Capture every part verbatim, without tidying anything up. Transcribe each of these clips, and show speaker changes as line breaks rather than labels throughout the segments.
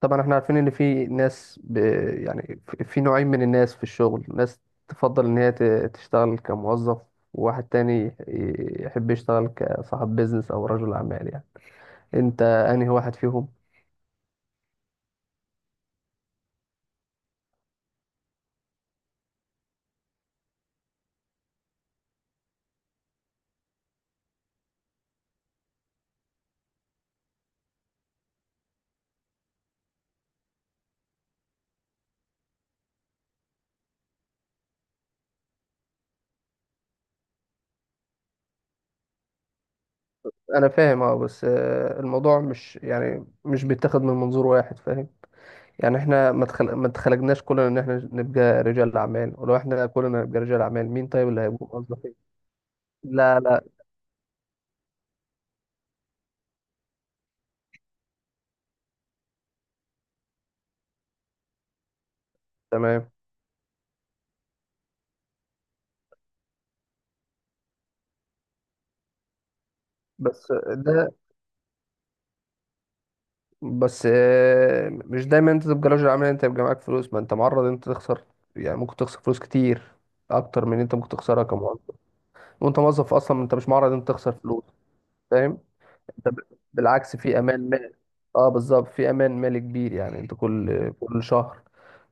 طبعا احنا عارفين ان في ناس ب... يعني في في نوعين من الناس في الشغل، ناس تفضل ان هي ت- تشتغل كموظف، وواحد تاني ي- يحب يشتغل كصاحب بيزنس او رجل اعمال يعني. انت انهي واحد فيهم؟ انا فاهم، اه، بس آه، الموضوع مش يعني مش بيتاخد من منظور واحد، فاهم؟ يعني احنا ما اتخل... ما اتخلقناش كلنا ان احنا نبقى رجال اعمال، ولو احنا كلنا نبقى رجال اعمال، مين طيب اللي هيبقوا موظفين؟ لا لا. تمام. بس ده بس آه، مش دايما انت تبقى رجل اعمال انت يبقى معاك فلوس، ما انت معرض انت تخسر. يعني ممكن تخسر فلوس كتير اكتر من اللي انت ممكن تخسرها كموظف. وانت موظف اصلا انت مش معرض انت تخسر فلوس، فاهم؟ انت ب- بالعكس، في امان مالي. اه بالظبط، في امان مالي كبير. يعني انت كل كل شهر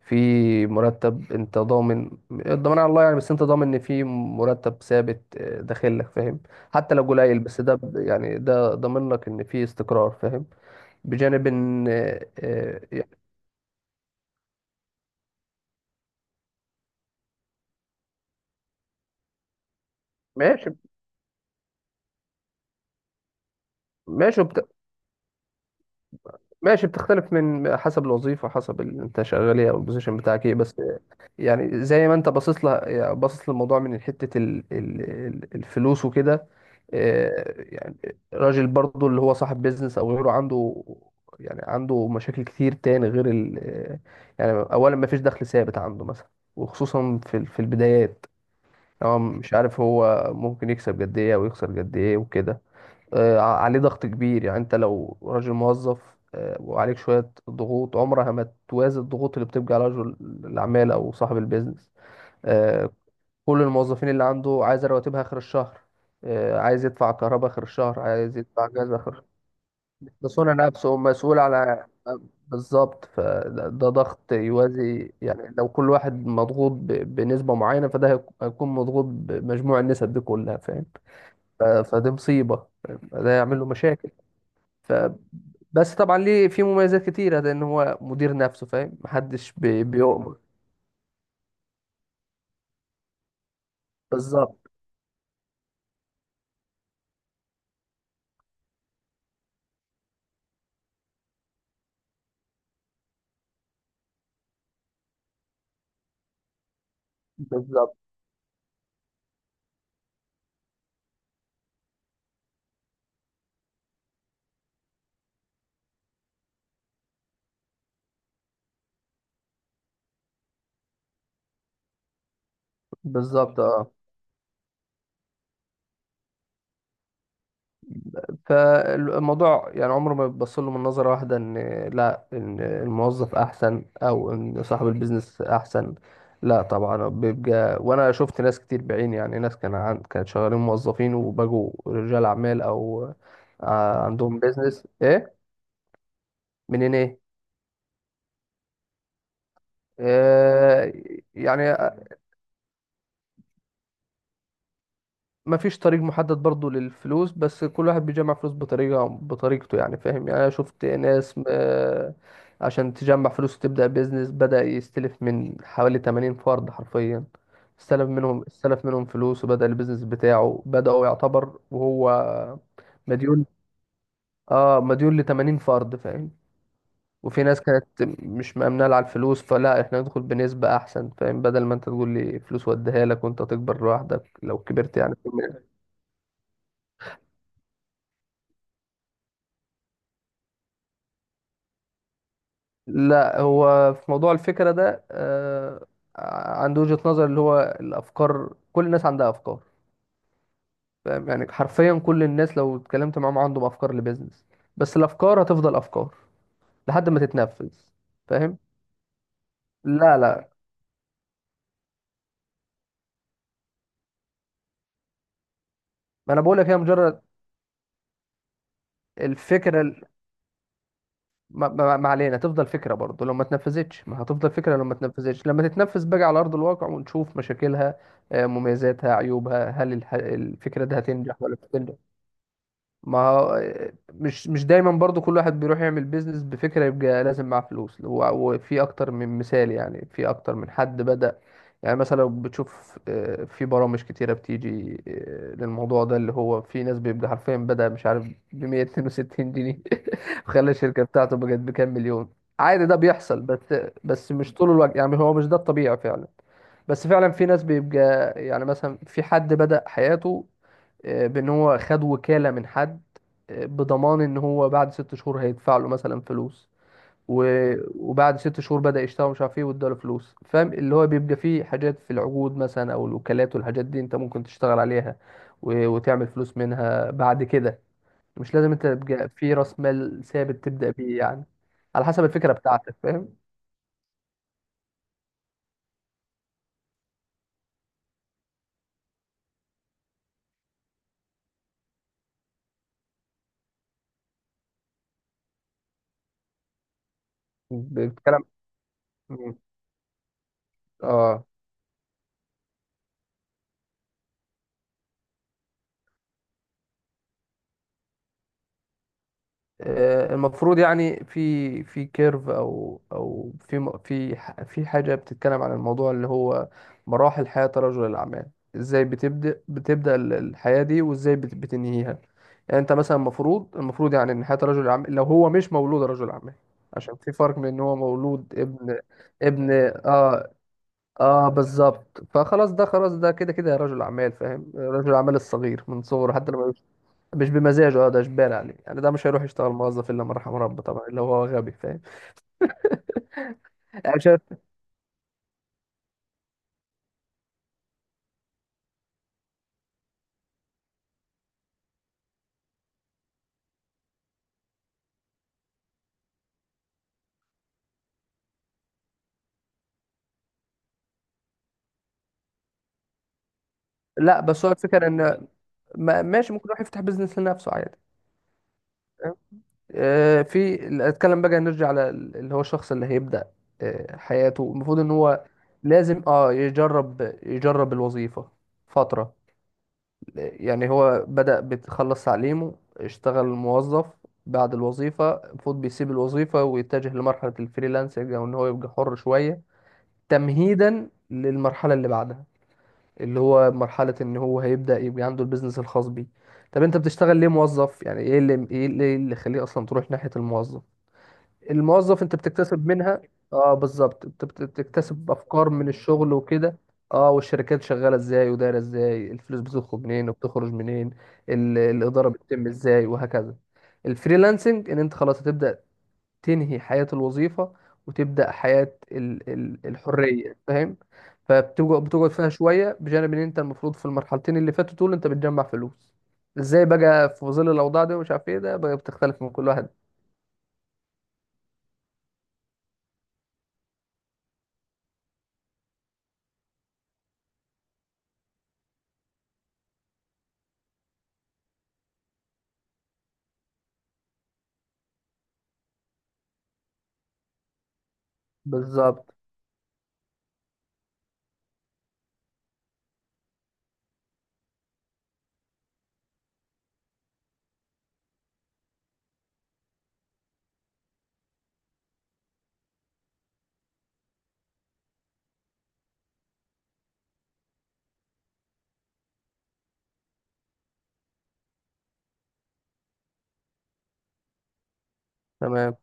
في مرتب، انت ضامن، الضمان على الله يعني، بس انت ضامن ان في مرتب ثابت آه، داخل لك، فاهم؟ حتى لو قليل، بس ده ب- يعني ده ضامن لك ان في استقرار، فاهم؟ بجانب ان آه، ماشي. ماشي بت... ماشي بتختلف من حسب الوظيفة، حسب ال- انت شغال ايه او البوزيشن بتاعك ايه. بس يعني زي ما انت باصص لها، يعني باصص للموضوع من حتة ال... ال... ال- الفلوس وكده. آه، يعني راجل برضو اللي هو صاحب بيزنس او غيره، عنده يعني عنده مشاكل كتير تاني غير ال... آه، يعني اولا ما فيش دخل ثابت عنده مثلا، وخصوصا في ال- في البدايات. هو مش عارف هو ممكن يكسب قد ايه او يخسر قد ايه وكده. آه، عليه ضغط كبير. يعني انت لو راجل موظف آه، وعليك شوية ضغوط، عمرها ما توازي الضغوط اللي بتبقى على رجل الأعمال أو صاحب البيزنس. آه، كل الموظفين اللي عنده عايز رواتبها آخر الشهر، آه، عايز يدفع كهرباء آخر الشهر، عايز يدفع جاز آخر الشهر. بس هو نفسه مسؤول على... بالظبط. فده ده ضغط يوازي. يعني لو كل واحد مضغوط ب- بنسبة معينة، فده هيك- هيكون مضغوط بمجموع النسب دي كلها، فاهم؟ ف- فدي مصيبة، فده يعمل له مشاكل. بس طبعا ليه في مميزات كتيرة لأن هو مدير نفسه، فاهم؟ محدش بي- بيؤمر. بالظبط، بالظبط، بالظبط، اه. فالموضوع يعني عمره ما بيبص له من نظرة واحدة، إن لا إن الموظف أحسن أو إن صاحب البيزنس أحسن، لا. طبعا بيبقى. وأنا شفت ناس كتير بعيني، يعني ناس كان عن... كانت شغالين موظفين وبقوا رجال أعمال، أو آه، عندهم بيزنس. إيه منين إيه؟ آه، يعني مفيش طريق محدد برضو للفلوس، بس كل واحد بيجمع فلوس بطريقة بطريقته يعني، فاهم؟ يعني أنا شفت ناس آه، عشان تجمع فلوس وتبدأ بيزنس بدأ يستلف من حوالي 80 فرد حرفيا، استلف منهم استلف منهم فلوس وبدأ البيزنس بتاعه، بدأوا يعتبر وهو مديون. اه مديون ل 80 فرد، فاهم؟ وفي ناس كانت مش مأمنة على الفلوس، فلا احنا ندخل بنسبة أحسن، فاهم؟ بدل ما انت تقول لي فلوس، وديها لك وانت تكبر لوحدك لو كبرت يعني. لا هو في موضوع الفكرة ده آه، عنده وجهة نظر، اللي هو الأفكار، كل الناس عندها أفكار، فاهم؟ يعني حرفيا كل الناس لو اتكلمت معاهم عندهم أفكار لبيزنس، بس الأفكار هتفضل أفكار لحد ما تتنفذ، فاهم؟ لا لا، ما أنا بقول لك هي مجرد الفكرة ال- ما ما- ما علينا. تفضل فكرة برضه لو ما اتنفذتش، ما هتفضل فكرة لو ما اتنفذتش. لما تتنفذ بقى على أرض الواقع ونشوف مشاكلها، آه، مميزاتها، عيوبها، هل الح- الفكرة دي هتنجح ولا مش هتنجح. ما هو- مش مش دايما برضو كل واحد بيروح يعمل بيزنس بفكرة يبقى لازم معاه فلوس و- وفي اكتر من مثال. يعني في اكتر من حد بدأ يعني مثلا. لو بتشوف آه، في برامج كتيرة بتيجي آه، للموضوع ده، اللي هو في ناس بيبقى حرفيا بدأ مش عارف ب مية واتنين وستين جنيه خلى الشركة بتاعته بقت بكام مليون، عادي، ده بيحصل. بس بس مش طول الوقت يعني، هو مش ده الطبيعي فعلا. بس فعلا في ناس بيبقى يعني مثلا في حد بدأ حياته آه، بان هو خد وكالة من حد، آه، بضمان ان هو بعد ست شهور هيدفع له مثلا فلوس. و... وبعد ست شهور بدأ يشتغل مش عارف ايه، واداله فلوس، فاهم؟ اللي هو بيبقى فيه حاجات في العقود مثلا او الوكالات والحاجات دي، انت ممكن تشتغل عليها و... وتعمل فلوس منها بعد كده. مش لازم انت تبقى في راس مال ثابت تبدأ بيه يعني. على حسب الفكرة بتاعتك، فاهم؟ بتتكلم، اه. آه، المفروض يعني في في كيرف او او في م- في ح- في حاجه بتتكلم عن الموضوع، اللي هو مراحل حياه رجل الاعمال، ازاي بتبدا بتبدا ال- الحياه دي، وازاي بت- بتنهيها. يعني انت مثلا المفروض، المفروض يعني ان حياه رجل الاعمال لو هو مش مولود رجل اعمال، عشان في فرق بين ان هو مولود ابن. ابن، اه، اه بالظبط. فخلاص ده، خلاص ده كده كده رجل اعمال، فاهم؟ رجل اعمال الصغير من صغره حتى لما... مش بمزاجه، اه. ده اجباري عليه يعني، ده مش هيروح يشتغل موظف الا من رحم ربه طبعا، اللي هو غبي، فاهم؟ يعني مش عارف- لا بس هو الفكره ان ما- ماشي، ممكن يروح يفتح بيزنس لنفسه عادي، فاهم؟ آه، في... اتكلم بقى. نرجع على ال- اللي هو الشخص اللي هيبدأ آه، حياته، المفروض ان هو لازم، اه، يجرب يجرب الوظيفة فترة. يعني هو بدأ، بتخلص تعليمه اشتغل موظف. بعد الوظيفة المفروض بيسيب الوظيفة ويتجه لمرحلة الفريلانسنج، او ان هو يبقى حر شوية، تمهيدا للمرحلة اللي بعدها، اللي هو مرحلة ان هو هيبدأ يبقى عنده البيزنس الخاص بيه. طب انت بتشتغل ليه موظف؟ يعني ايه اللي ايه اللي إيه اللي يخليه اصلا تروح ناحية الموظف؟ الموظف انت بتكتسب منها. اه بالظبط، انت بت- بتكتسب افكار من الشغل وكده. اه، والشركات شغالة ازاي ودايرة ازاي، الفلوس بتدخل منين وبتخرج منين، ال- الإدارة بتتم ازاي، وهكذا. الفريلانسنج ان انت خلاص هتبدأ تنهي حياة الوظيفة، وتبدأ حياة ال- ال- الحرية، فاهم؟ فبتقعد، بتقعد فيها شوية. بجانب ان انت المفروض في المرحلتين اللي فاتوا دول انت بتجمع فلوس. ازاي بقى في ظل الاوضاع دي ومش عارف ايه، ده بقى بتختلف من كل واحد، بالظبط. تمام.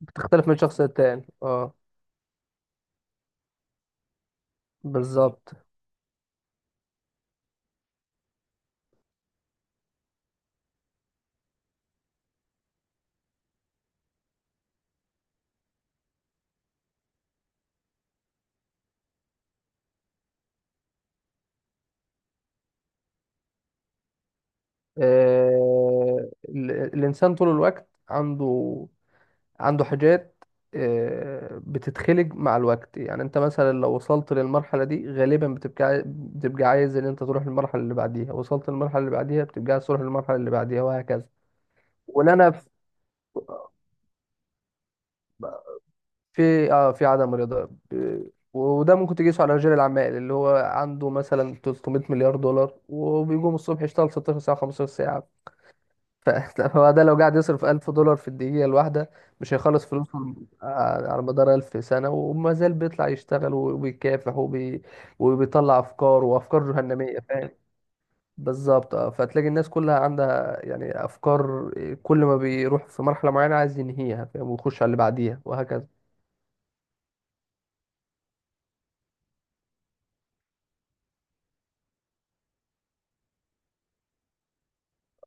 بتختلف من شخص للتاني، اه، بالظبط. آه، ال- الإنسان طول الوقت عنده، عنده حاجات آه، بتتخلق مع الوقت. يعني انت مثلا لو وصلت للمرحلة دي، غالبا بتبقى عاي- بتبقى عايز ان انت تروح للمرحلة اللي بعديها. وصلت للمرحلة اللي بعديها بتبقى عايز تروح للمرحلة اللي بعديها، وهكذا. ولا انا في... في- اه، في عدم رضا. ب- وده ممكن تقيسه على رجال الاعمال، اللي هو عنده مثلا ثلاث مائة مليار دولار، وبيقوم الصبح يشتغل 16 ساعة، 15 ساعة. ف- فهو ده لو قاعد يصرف ألف دولار في الدقيقة الواحدة مش هيخلص فلوسه على على مدار 1000 سنة، وما زال بيطلع يشتغل وبيكافح وبي... وبيطلع أفكار وأفكار جهنمية، فاهم؟ بالظبط اه. فتلاقي الناس كلها عندها يعني أفكار، آه، كل ما بيروح في مرحلة معينة عايز ينهيها، فاهم؟ ويخش على اللي بعديها وهكذا.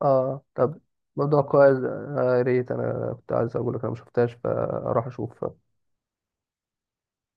اه طب، موضوع كويس. آه، يا ريت، أنا كنت عايز أقول لك أنا مشفتهاش، فأروح أشوف.